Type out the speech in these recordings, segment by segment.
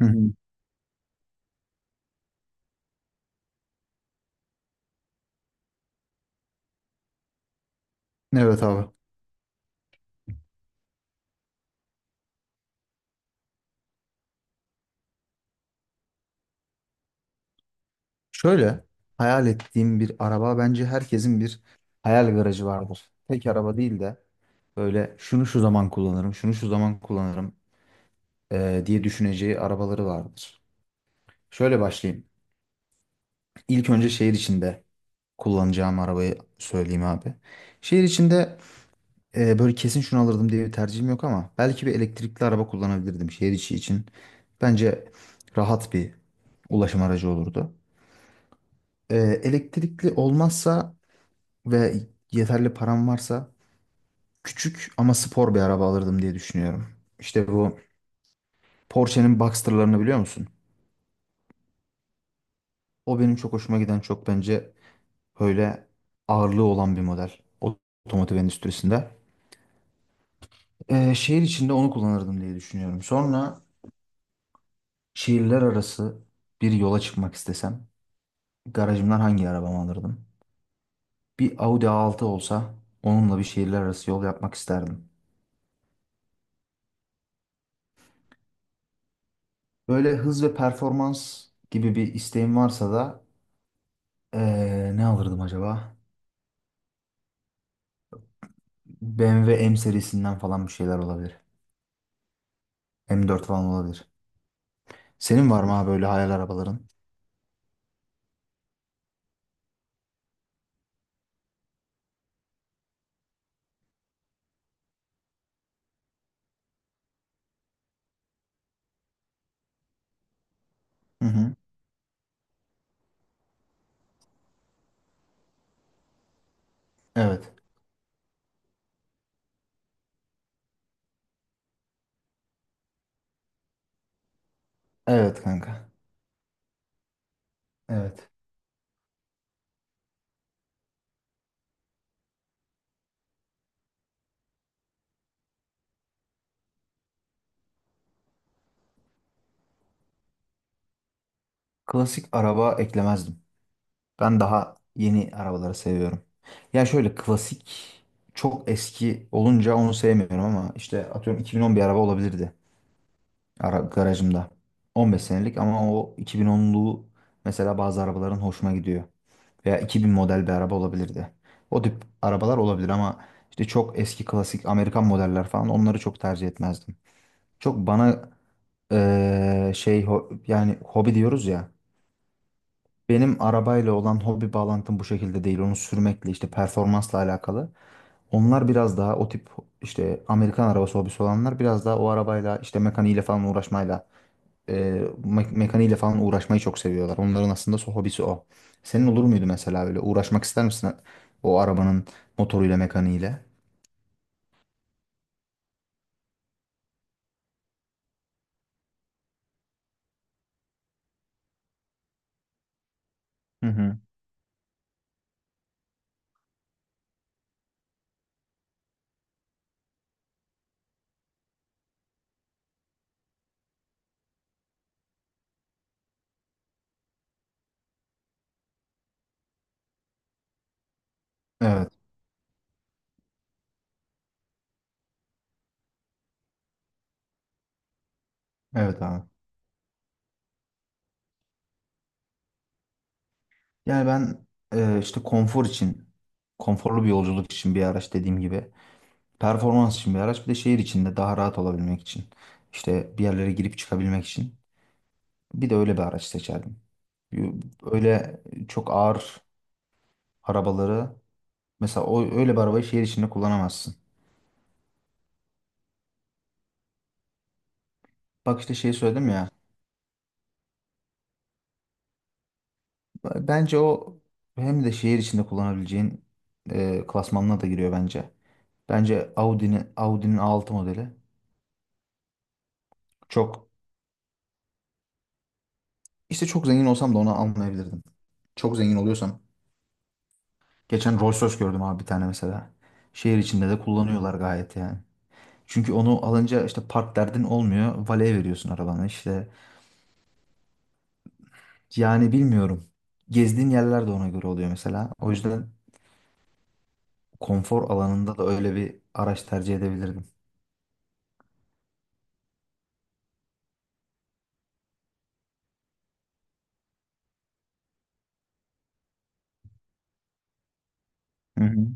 Hı hı. Evet abi. Şöyle, hayal ettiğim bir araba, bence herkesin bir hayal garajı vardır. Tek araba değil de böyle şunu şu zaman kullanırım, şunu şu zaman kullanırım, diye düşüneceği arabaları vardır. Şöyle başlayayım. İlk önce şehir içinde kullanacağım arabayı söyleyeyim abi. Şehir içinde böyle kesin şunu alırdım diye bir tercihim yok ama belki bir elektrikli araba kullanabilirdim şehir içi için. Bence rahat bir ulaşım aracı olurdu. Elektrikli olmazsa ve yeterli param varsa küçük ama spor bir araba alırdım diye düşünüyorum. İşte bu Porsche'nin Boxster'larını biliyor musun? O benim çok hoşuma giden, çok bence böyle ağırlığı olan bir model otomotiv endüstrisinde. Şehir içinde onu kullanırdım diye düşünüyorum. Sonra şehirler arası bir yola çıkmak istesem garajımdan hangi arabamı alırdım? Bir Audi A6 olsa onunla bir şehirler arası yol yapmak isterdim. Böyle hız ve performans gibi bir isteğim varsa da ne alırdım acaba? BMW M W M serisinden falan bir şeyler olabilir. M4 falan olabilir. Senin var mı abi böyle hayal arabaların? Hı hı. Evet. Evet kanka. Evet. Klasik araba eklemezdim. Ben daha yeni arabaları seviyorum. Ya şöyle klasik çok eski olunca onu sevmiyorum ama işte atıyorum 2011 araba olabilirdi ara garajımda. 15 senelik ama o 2010'lu mesela bazı arabaların hoşuma gidiyor. Veya 2000 model bir araba olabilirdi. O tip arabalar olabilir ama işte çok eski klasik Amerikan modeller falan onları çok tercih etmezdim. Çok bana yani hobi diyoruz ya. Benim arabayla olan hobi bağlantım bu şekilde değil. Onu sürmekle, işte performansla alakalı. Onlar biraz daha o tip, işte Amerikan arabası hobisi olanlar biraz daha o arabayla, işte mekaniğiyle falan uğraşmayla e, mekaniğiyle falan uğraşmayı çok seviyorlar. Onların aslında hobisi o. Senin olur muydu mesela böyle uğraşmak ister misin o arabanın motoruyla, mekaniğiyle? Hı hı. Evet, evet abi. Yani ben, işte konfor için, konforlu bir yolculuk için bir araç dediğim gibi, performans için bir araç, bir de şehir içinde daha rahat olabilmek için, işte bir yerlere girip çıkabilmek için bir de öyle bir araç seçerdim. Öyle çok ağır arabaları, mesela o öyle bir arabayı şehir içinde kullanamazsın. Bak işte şey söyledim ya. Bence o hem de şehir içinde kullanabileceğin klasmanına da giriyor bence. Bence Audi'nin A6 modeli çok işte çok zengin olsam da onu almayabilirdim. Çok zengin oluyorsam geçen Rolls Royce gördüm abi bir tane mesela. Şehir içinde de kullanıyorlar gayet yani. Çünkü onu alınca işte park derdin olmuyor. Valeye veriyorsun arabanı işte. Yani bilmiyorum. Gezdiğin yerler de ona göre oluyor mesela. O yüzden konfor alanında da öyle bir araç tercih edebilirdim. Hı hı.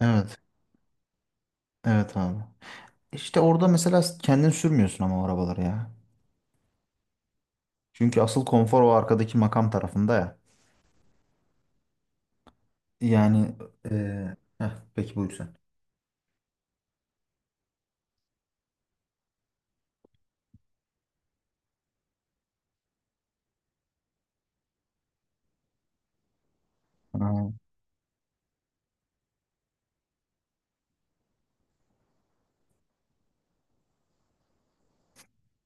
Evet. Evet abi. İşte orada mesela kendin sürmüyorsun ama o arabaları ya. Çünkü asıl konfor o arkadaki makam tarafında ya. Yani peki buyur sen. Aa,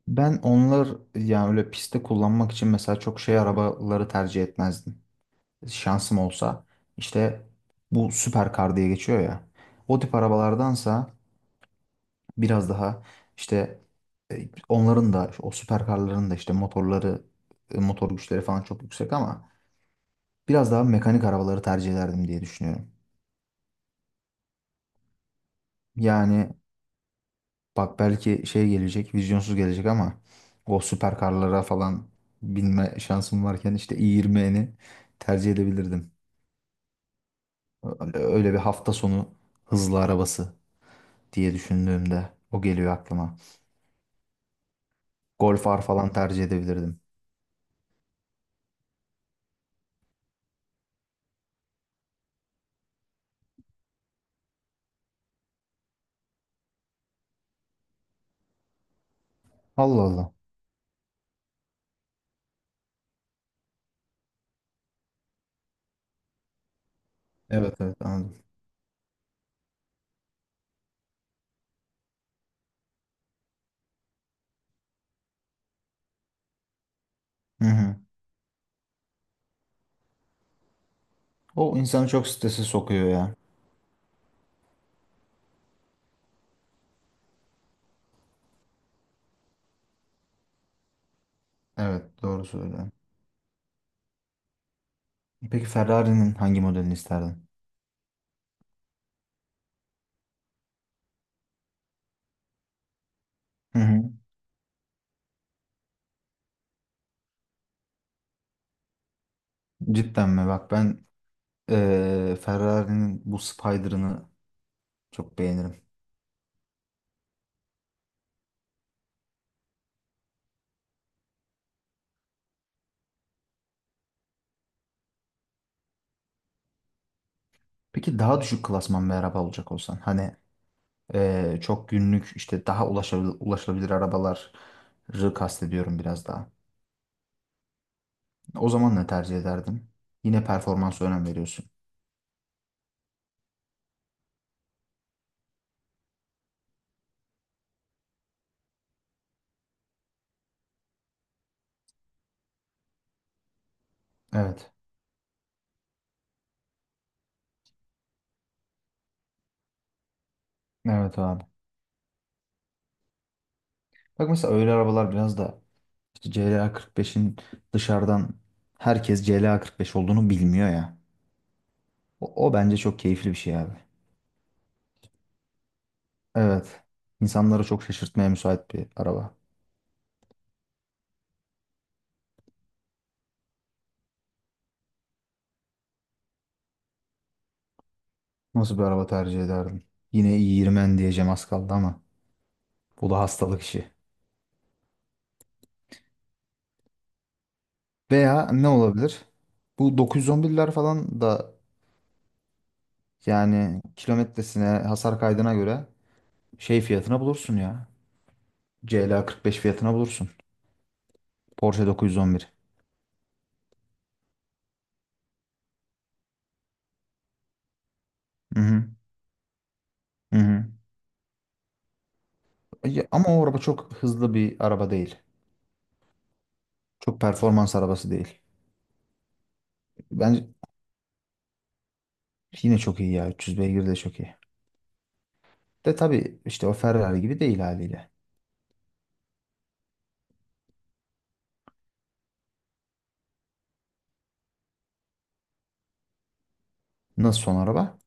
ben onlar, yani öyle pistte kullanmak için mesela çok şey arabaları tercih etmezdim. Şansım olsa, işte bu süperkar diye geçiyor ya. O tip arabalardansa biraz daha, işte onların da o süperkarların da işte motorları, motor güçleri falan çok yüksek ama biraz daha mekanik arabaları tercih ederdim diye düşünüyorum. Yani bak, belki şey gelecek, vizyonsuz gelecek ama o süperkarlara falan binme şansım varken işte i20'ni tercih edebilirdim. Öyle bir hafta sonu hızlı arabası diye düşündüğümde o geliyor aklıma. Golf R falan tercih edebilirdim. Allah Allah. Evet, evet anladım. Hı hı. O insanı çok strese sokuyor ya. Evet, doğru söylüyorsun. Peki Ferrari'nin hangi modelini isterdin? Hı hı. Cidden mi? Bak ben, Ferrari'nin bu Spider'ını çok beğenirim. Peki daha düşük klasman bir araba olacak olsan, hani çok günlük, işte daha ulaşılabilir arabaları kastediyorum biraz daha. O zaman ne tercih ederdin? Yine performansa önem veriyorsun. Evet. Evet abi. Bak mesela öyle arabalar biraz da işte CLA 45'in dışarıdan herkes CLA 45 olduğunu bilmiyor ya. O bence çok keyifli bir şey abi. Evet. İnsanları çok şaşırtmaya müsait bir araba. Nasıl bir araba tercih ederdim? Yine i diyeceğim az kaldı ama bu da hastalık işi. Veya ne olabilir? Bu 911'ler falan da yani kilometresine, hasar kaydına göre şey fiyatına bulursun ya. CLA 45 fiyatına bulursun. Porsche 911. Hı hı. Hı hı. Ya ama o araba çok hızlı bir araba değil. Çok performans arabası değil. Bence yine çok iyi ya. 300 beygir de çok iyi. De tabii işte o Ferrari gibi değil haliyle. Nasıl son araba?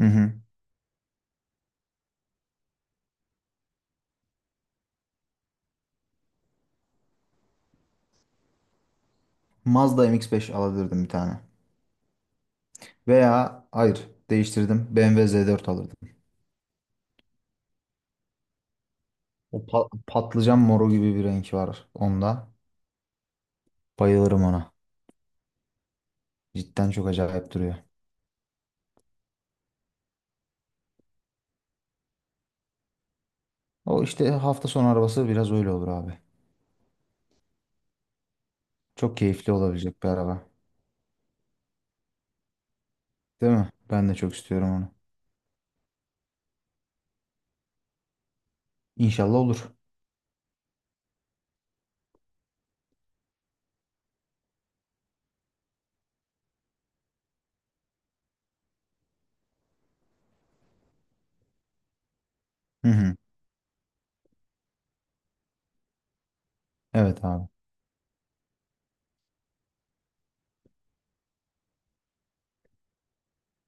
Hı hı. Mazda MX-5 alabilirdim bir tane. Veya hayır, değiştirdim. BMW Z4 alırdım. O patlıcan moru gibi bir renk var onda. Bayılırım ona. Cidden çok acayip duruyor. O işte hafta sonu arabası biraz öyle olur abi. Çok keyifli olabilecek bir araba. Değil mi? Ben de çok istiyorum onu. İnşallah olur. Hı hı. Evet abi.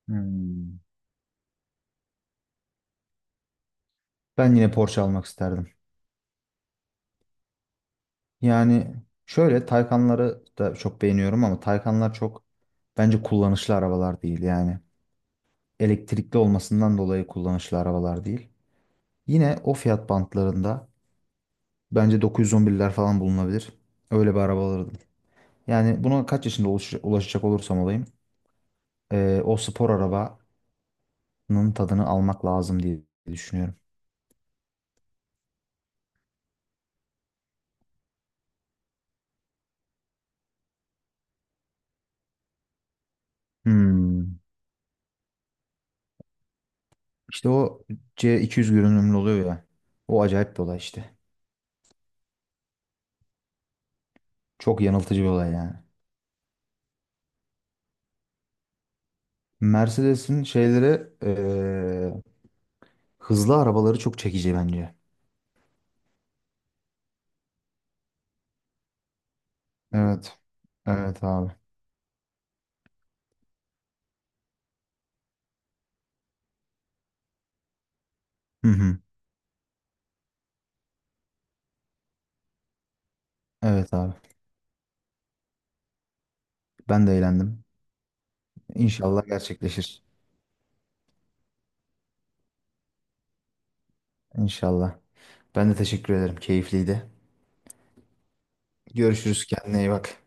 Hmm. Ben yine Porsche almak isterdim. Yani şöyle Taycanları da çok beğeniyorum ama Taycanlar çok, bence kullanışlı arabalar değil yani. Elektrikli olmasından dolayı kullanışlı arabalar değil. Yine o fiyat bantlarında bence 911'ler falan bulunabilir. Öyle bir araba alırdım. Yani buna kaç yaşında ulaşacak olursam olayım o spor arabanın tadını almak lazım diye düşünüyorum. Hmm. İşte o C200 görünümlü oluyor ya. O acayip bir olay işte. Çok yanıltıcı bir olay yani. Mercedes'in şeyleri hızlı arabaları çok çekici bence. Evet. Evet abi. Hı hı. Evet abi. Ben de eğlendim. İnşallah gerçekleşir. İnşallah. Ben de teşekkür ederim. Keyifliydi. Görüşürüz. Kendine iyi bak.